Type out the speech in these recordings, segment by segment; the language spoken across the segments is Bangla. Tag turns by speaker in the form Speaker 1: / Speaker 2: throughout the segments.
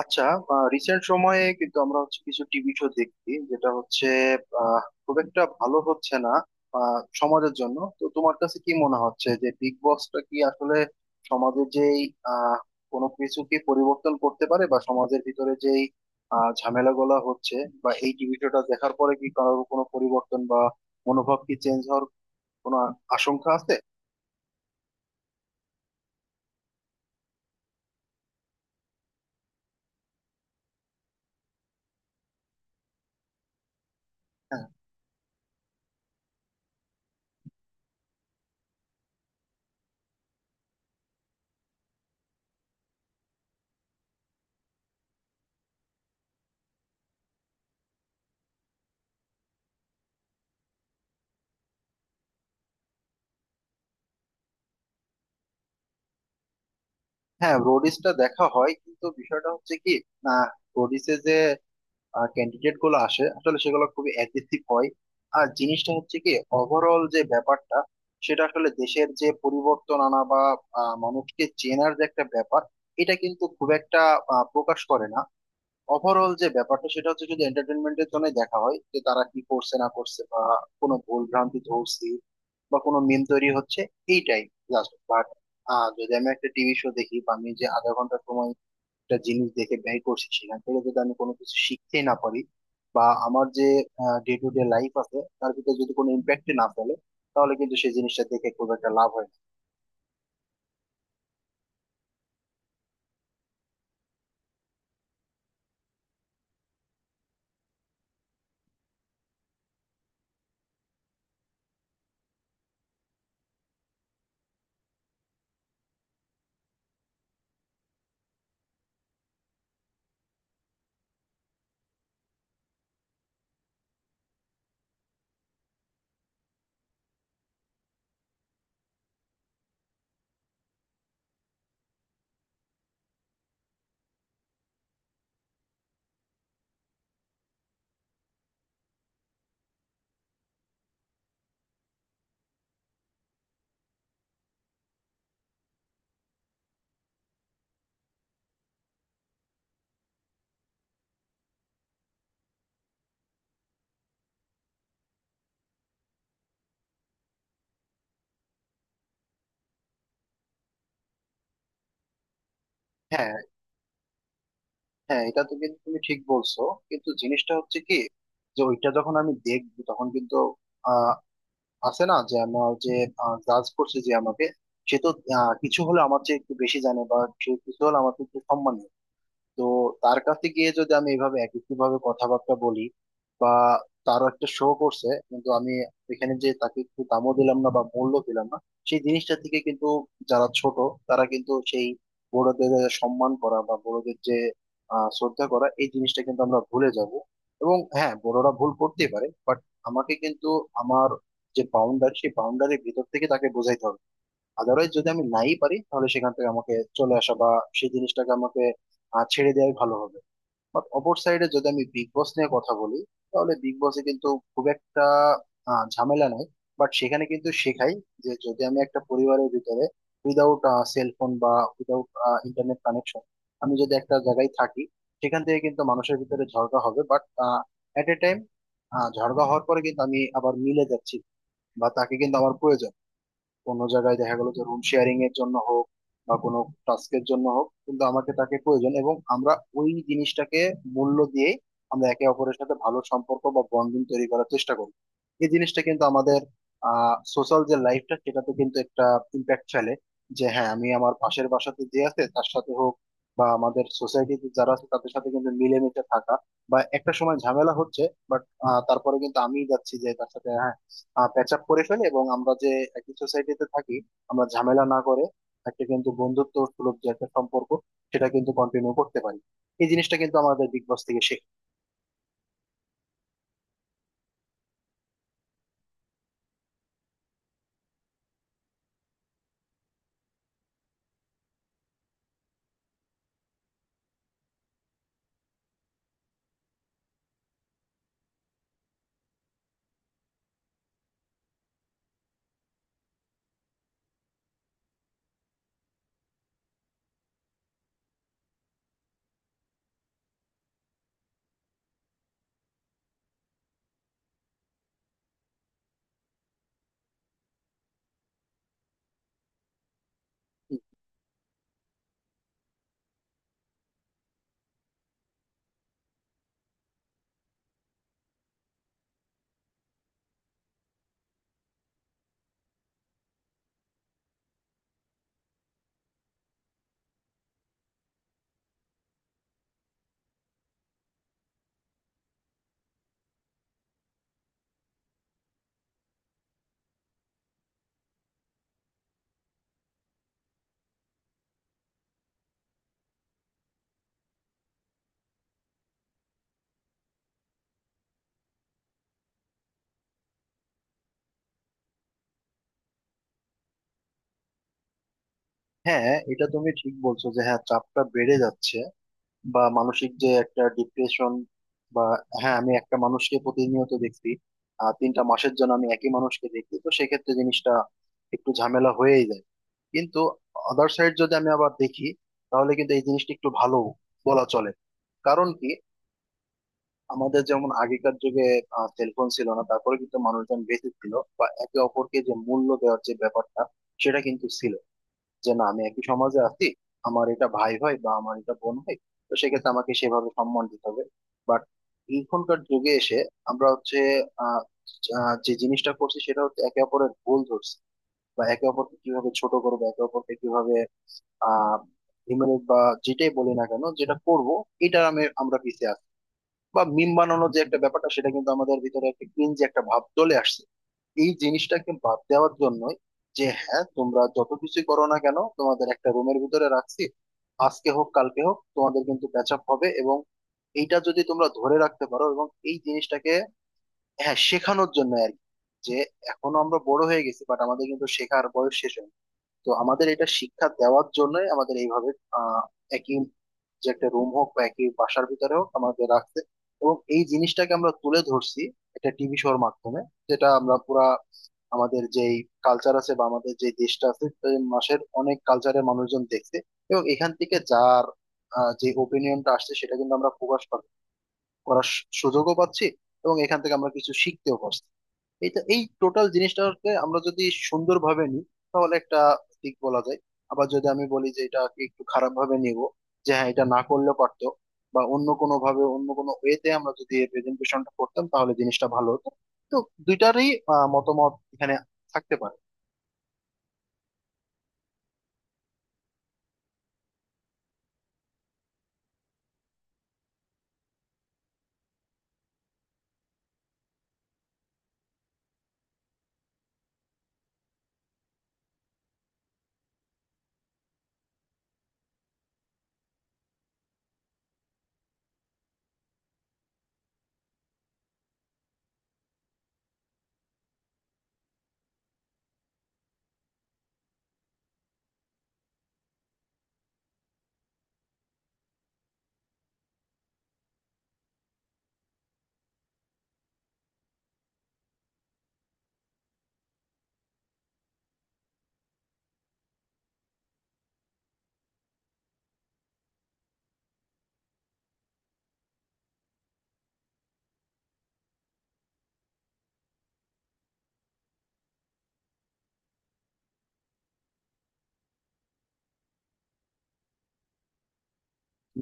Speaker 1: আচ্ছা। রিসেন্ট সময়ে কিন্তু আমরা হচ্ছে কিছু টিভি শো দেখি যেটা হচ্ছে খুব একটা ভালো হচ্ছে না। সমাজের জন্য তো তোমার কাছে কি মনে হচ্ছে যে বিগ বসটা কি আসলে সমাজের যেই আহ কোনো কিছু কি পরিবর্তন করতে পারে, বা সমাজের ভিতরে যেই ঝামেলাগুলা হচ্ছে, বা এই টিভি শোটা দেখার পরে কি কারোর কোনো পরিবর্তন বা মনোভাব কি চেঞ্জ হওয়ার কোনো আশঙ্কা আছে? হ্যাঁ। হ্যাঁ, রোডিসটা দেখা হয় কিন্তু বিষয়টা হচ্ছে কি, না, রোডিসে যে ক্যান্ডিডেট গুলো আসে আসলে সেগুলো খুবই অ্যাগ্রেসিভ হয়। আর জিনিসটা হচ্ছে কি, ওভারঅল যে ব্যাপারটা সেটা আসলে দেশের যে পরিবর্তন আনা বা মানুষকে চেনার যে একটা ব্যাপার, এটা কিন্তু খুব একটা প্রকাশ করে না। ওভারঅল যে ব্যাপারটা সেটা হচ্ছে যদি এন্টারটেনমেন্টের জন্য দেখা হয় যে তারা কি করছে না করছে, বা কোনো ভুল ভ্রান্তি ধরছি বা কোনো মিম তৈরি হচ্ছে, এইটাই জাস্ট বাট। যদি আমি একটা টিভি শো দেখি, বা আমি যে আধা ঘন্টা সময় একটা জিনিস দেখে ব্যয় করছি সেখান থেকে যদি আমি কোনো কিছু শিখতে না পারি, বা আমার যে ডে টু ডে লাইফ আছে তার ভিতরে যদি কোনো ইম্প্যাক্ট না ফেলে, তাহলে কিন্তু সেই জিনিসটা দেখে খুব একটা লাভ হয় না। হ্যাঁ। হ্যাঁ, এটা তো কিন্তু তুমি ঠিক বলছো, কিন্তু জিনিসটা হচ্ছে কি, যে ওইটা যখন আমি দেখবো তখন কিন্তু আহ আছে না যে আমার যে জাজ করছে যে আমাকে, সে তো কিছু হলে আমার চেয়ে একটু বেশি জানে, বা সে কিছু হলে আমার থেকে একটু সম্মান, তো তার কাছে গিয়ে যদি আমি এইভাবে একই ভাবে কথাবার্তা বলি, বা তারও একটা শো করছে কিন্তু আমি এখানে যে তাকে একটু দামও দিলাম না বা মূল্য দিলাম না, সেই জিনিসটা থেকে কিন্তু যারা ছোট তারা কিন্তু সেই বড়দের সম্মান করা বা বড়দের যে শ্রদ্ধা করা এই জিনিসটা কিন্তু আমরা ভুলে যাব। এবং হ্যাঁ, বড়রা ভুল করতেই পারে বাট আমাকে কিন্তু আমার যে বাউন্ডারি সেই বাউন্ডারির ভিতর থেকে তাকে বোঝাইতে হবে। আদারওয়াইজ যদি আমি নাই পারি তাহলে সেখান থেকে আমাকে চলে আসা, বা সেই জিনিসটাকে আমাকে ছেড়ে দেওয়াই ভালো হবে। বাট অপর সাইডে যদি আমি বিগ বস নিয়ে কথা বলি তাহলে বিগ বসে কিন্তু খুব একটা ঝামেলা নাই। বাট সেখানে কিন্তু শেখাই যে যদি আমি একটা পরিবারের ভিতরে উইদাউট সেলফোন বা উইদাউট ইন্টারনেট কানেকশন, আমি যদি একটা জায়গায় থাকি, সেখান থেকে কিন্তু মানুষের ভিতরে ঝগড়া হবে, বাট এট এ টাইম ঝগড়া হওয়ার পরে কিন্তু আমি আবার মিলে যাচ্ছি বা তাকে কিন্তু আমার প্রয়োজন। কোনো জায়গায় দেখা গেল যে রুম শেয়ারিং এর জন্য হোক, বা কোনো টাস্কের জন্য হোক, কিন্তু আমাকে তাকে প্রয়োজন, এবং আমরা ওই জিনিসটাকে মূল্য দিয়ে আমরা একে অপরের সাথে ভালো সম্পর্ক বা বন্ধন তৈরি করার চেষ্টা করি। এই জিনিসটা কিন্তু আমাদের সোশ্যাল যে লাইফটা সেটাতে কিন্তু একটা ইম্প্যাক্ট ফেলে, যে হ্যাঁ আমি আমার পাশের বাসাতে যে আছে তার সাথে হোক, বা আমাদের সোসাইটিতে যারা আছে তাদের সাথে কিন্তু মিলেমিশে থাকা, বা একটা সময় ঝামেলা হচ্ছে বাট তারপরে কিন্তু আমি যাচ্ছি যে তার সাথে, হ্যাঁ, প্যাচ আপ করে ফেলে এবং আমরা যে একই সোসাইটিতে থাকি, আমরা ঝামেলা না করে একটা কিন্তু বন্ধুত্ব সুলভ যে একটা সম্পর্ক সেটা কিন্তু কন্টিনিউ করতে পারি। এই জিনিসটা কিন্তু আমাদের বিগ বস থেকে শেখ। হ্যাঁ, এটা তুমি ঠিক বলছো যে হ্যাঁ চাপটা বেড়ে যাচ্ছে, বা মানসিক যে একটা ডিপ্রেশন, বা হ্যাঁ আমি একটা মানুষকে প্রতিনিয়ত দেখছি, 3টা মাসের জন্য আমি একই মানুষকে দেখি তো সেক্ষেত্রে জিনিসটা একটু ঝামেলা হয়েই যায়। কিন্তু আদার সাইড যদি আমি আবার দেখি তাহলে কিন্তু এই জিনিসটা একটু ভালো বলা চলে। কারণ কি, আমাদের যেমন আগেকার যুগে সেলফোন ছিল না, তারপরে কিন্তু মানুষজন বেঁচে ছিল, বা একে অপরকে যে মূল্য দেওয়ার যে ব্যাপারটা সেটা কিন্তু ছিল, যে না আমি একই সমাজে আছি, আমার এটা ভাই হয় বা আমার এটা বোন হয়, তো সেক্ষেত্রে আমাকে সেভাবে সম্মান দিতে হবে। বাট এখনকার যুগে এসে আমরা হচ্ছে আহ আহ, যে জিনিসটা করছি সেটা হচ্ছে একে অপরের ভুল ধরছি, বা একে অপরকে কিভাবে ছোট করবো, একে অপরকে কিভাবে আহ ডিমেরিট, বা যেটাই বলি না কেন যেটা করব, এটা আমি আমরা পিছিয়ে আছি, বা মিম বানানোর যে একটা ব্যাপারটা সেটা কিন্তু আমাদের ভিতরে একটা ক্রিঞ্জ একটা ভাব চলে আসছে। এই জিনিসটাকে বাদ দেওয়ার জন্য যে হ্যাঁ তোমরা যত কিছুই করো না কেন তোমাদের একটা রুমের ভিতরে রাখছি, আজকে হোক কালকে হোক তোমাদের কিন্তু প্যাচ আপ হবে, এবং এইটা যদি তোমরা ধরে রাখতে পারো, এবং এই জিনিসটাকে হ্যাঁ শেখানোর জন্য আর কি, যে এখনো আমরা বড় হয়ে গেছি বাট আমাদের কিন্তু শেখার বয়স শেষ হয়নি। তো আমাদের এটা শিক্ষা দেওয়ার জন্যই আমাদের এইভাবে আহ, একই যে একটা রুম হোক, বা একই বাসার ভিতরে হোক, আমাদের রাখছে, এবং এই জিনিসটাকে আমরা তুলে ধরছি একটা টিভি শোর মাধ্যমে, যেটা আমরা পুরা আমাদের যেই কালচার আছে বা আমাদের যে দেশটা আছে সেই মাসের অনেক কালচারের মানুষজন দেখছে, এবং এখান থেকে যার যে ওপিনিয়নটা আসছে সেটা কিন্তু আমরা প্রকাশ করার সুযোগও পাচ্ছি, এবং এখান থেকে আমরা কিছু শিখতেও পারছি। এই তো, এই টোটাল জিনিসটাকে আমরা যদি সুন্দরভাবে নিই তাহলে একটা দিক বলা যায়। আবার যদি আমি বলি যে এটাকে একটু খারাপ ভাবে নিব, যে হ্যাঁ এটা না করলেও পারতো, বা অন্য কোনো ভাবে অন্য কোনো ওয়েতে আমরা যদি প্রেজেন্টেশনটা করতাম তাহলে জিনিসটা ভালো হতো। তো দুইটারই মতামত এখানে থাকতে পারে।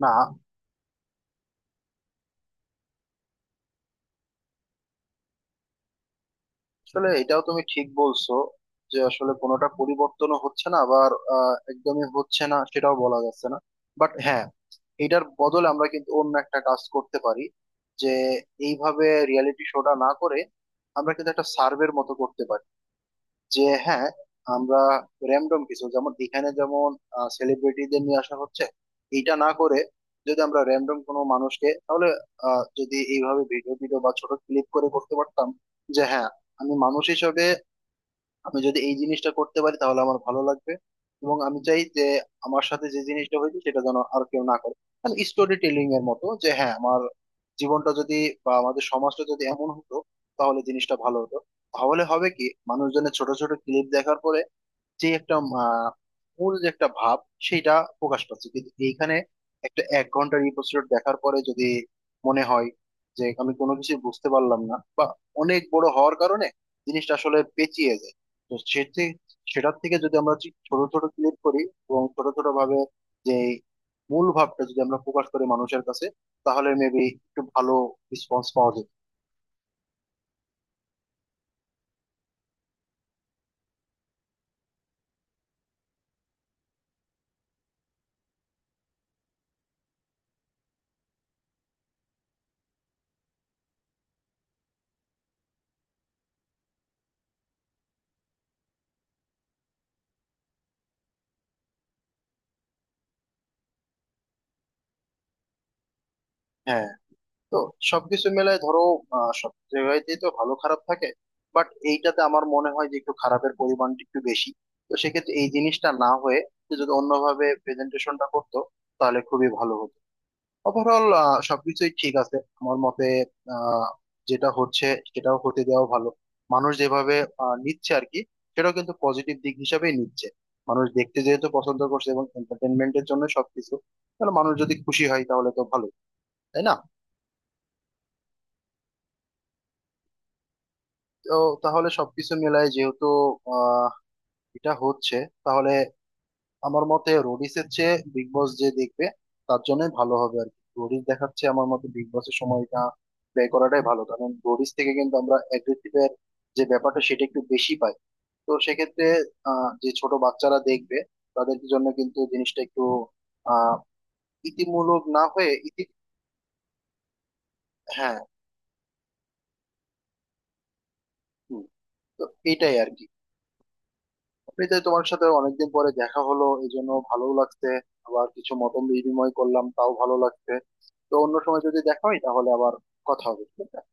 Speaker 1: না, আসলে এটাও তুমি ঠিক বলছো যে আসলে কোনোটা পরিবর্তনও হচ্ছে না, আবার একদমই হচ্ছে না সেটাও বলা যাচ্ছে না। বাট হ্যাঁ, এটার বদলে আমরা কিন্তু অন্য একটা কাজ করতে পারি, যে এইভাবে রিয়েলিটি শোটা না করে আমরা কিন্তু একটা সার্ভের মতো করতে পারি, যে হ্যাঁ আমরা র্যান্ডম কিছু, যেমন এখানে যেমন সেলিব্রিটিদের নিয়ে আসা হচ্ছে এটা না করে যদি আমরা র্যান্ডম কোনো মানুষকে, তাহলে যদি এইভাবে ভিডিও ভিডিও বা ছোট ক্লিপ করে করতে পারতাম, যে হ্যাঁ আমি মানুষ হিসেবে, আমি যদি এই জিনিসটা করতে পারি তাহলে আমার ভালো লাগবে, এবং আমি চাই যে আমার সাথে যে জিনিসটা হয়েছে সেটা যেন আর কেউ না করে। মানে স্টোরি টেলিং এর মতো, যে হ্যাঁ আমার জীবনটা যদি, বা আমাদের সমাজটা যদি এমন হতো তাহলে জিনিসটা ভালো হতো। তাহলে হবে কি, মানুষজনের ছোট ছোট ক্লিপ দেখার পরে যে একটা আহ, মূল যে একটা ভাব সেটা প্রকাশ পাচ্ছে কিন্তু এইখানে। একটা এক ঘন্টার এপিসোড দেখার পরে যদি মনে হয় যে আমি কোনো কিছু বুঝতে পারলাম না, বা অনেক বড় হওয়ার কারণে জিনিসটা আসলে পেঁচিয়ে যায়, তো সেটি, সেটার থেকে যদি আমরা ঠিক ছোট ছোট ক্লিপ করি, এবং ছোট ছোট ভাবে যে মূল ভাবটা যদি আমরা প্রকাশ করি মানুষের কাছে, তাহলে মেবি একটু ভালো রেসপন্স পাওয়া যেত। হ্যাঁ। তো সবকিছু মেলায় ধরো, সব জায়গাতেই তো ভালো খারাপ থাকে, বাট এইটাতে আমার মনে হয় যে একটু খারাপের পরিমাণটা একটু বেশি। তো সেক্ষেত্রে এই জিনিসটা না হয়ে, সে যদি অন্যভাবে প্রেজেন্টেশনটা করতো তাহলে খুবই ভালো হতো। ওভারঅল সবকিছুই ঠিক আছে আমার মতে। আহ যেটা হচ্ছে সেটাও হতে দেওয়া ভালো, মানুষ যেভাবে নিচ্ছে আর কি, সেটাও কিন্তু পজিটিভ দিক হিসাবেই নিচ্ছে। মানুষ দেখতে যেহেতু পছন্দ করছে এবং এন্টারটেনমেন্টের জন্য সবকিছু, তাহলে মানুষ যদি খুশি হয় তাহলে তো ভালো, তাই না? তো তাহলে সবকিছু মিলাই যেহেতু আহ এটা হচ্ছে, তাহলে আমার মতে রোডিসের চেয়ে বিগ বস যে দেখবে তার জন্য ভালো হবে আর কি। রোডিস দেখাচ্ছে আমার মতে বিগ বসের সময়টা ব্যয় করাটাই ভালো, কারণ রোডিস থেকে কিন্তু আমরা অ্যাগ্রেসিভের যে ব্যাপারটা সেটা একটু বেশি পাই। তো সেক্ষেত্রে যে ছোট বাচ্চারা দেখবে তাদের জন্য কিন্তু জিনিসটা একটু আহ ইতিমূলক না হয়ে ইতি। হ্যাঁ। হুম। তো এটাই আর কি। অফিসে তোমার সাথে অনেকদিন পরে দেখা হলো এই জন্য ভালো লাগছে। আবার কিছু মত বিনিময় করলাম তাও ভালো লাগছে। তো অন্য সময় যদি দেখা হয় তাহলে আবার কথা হবে, ঠিক আছে?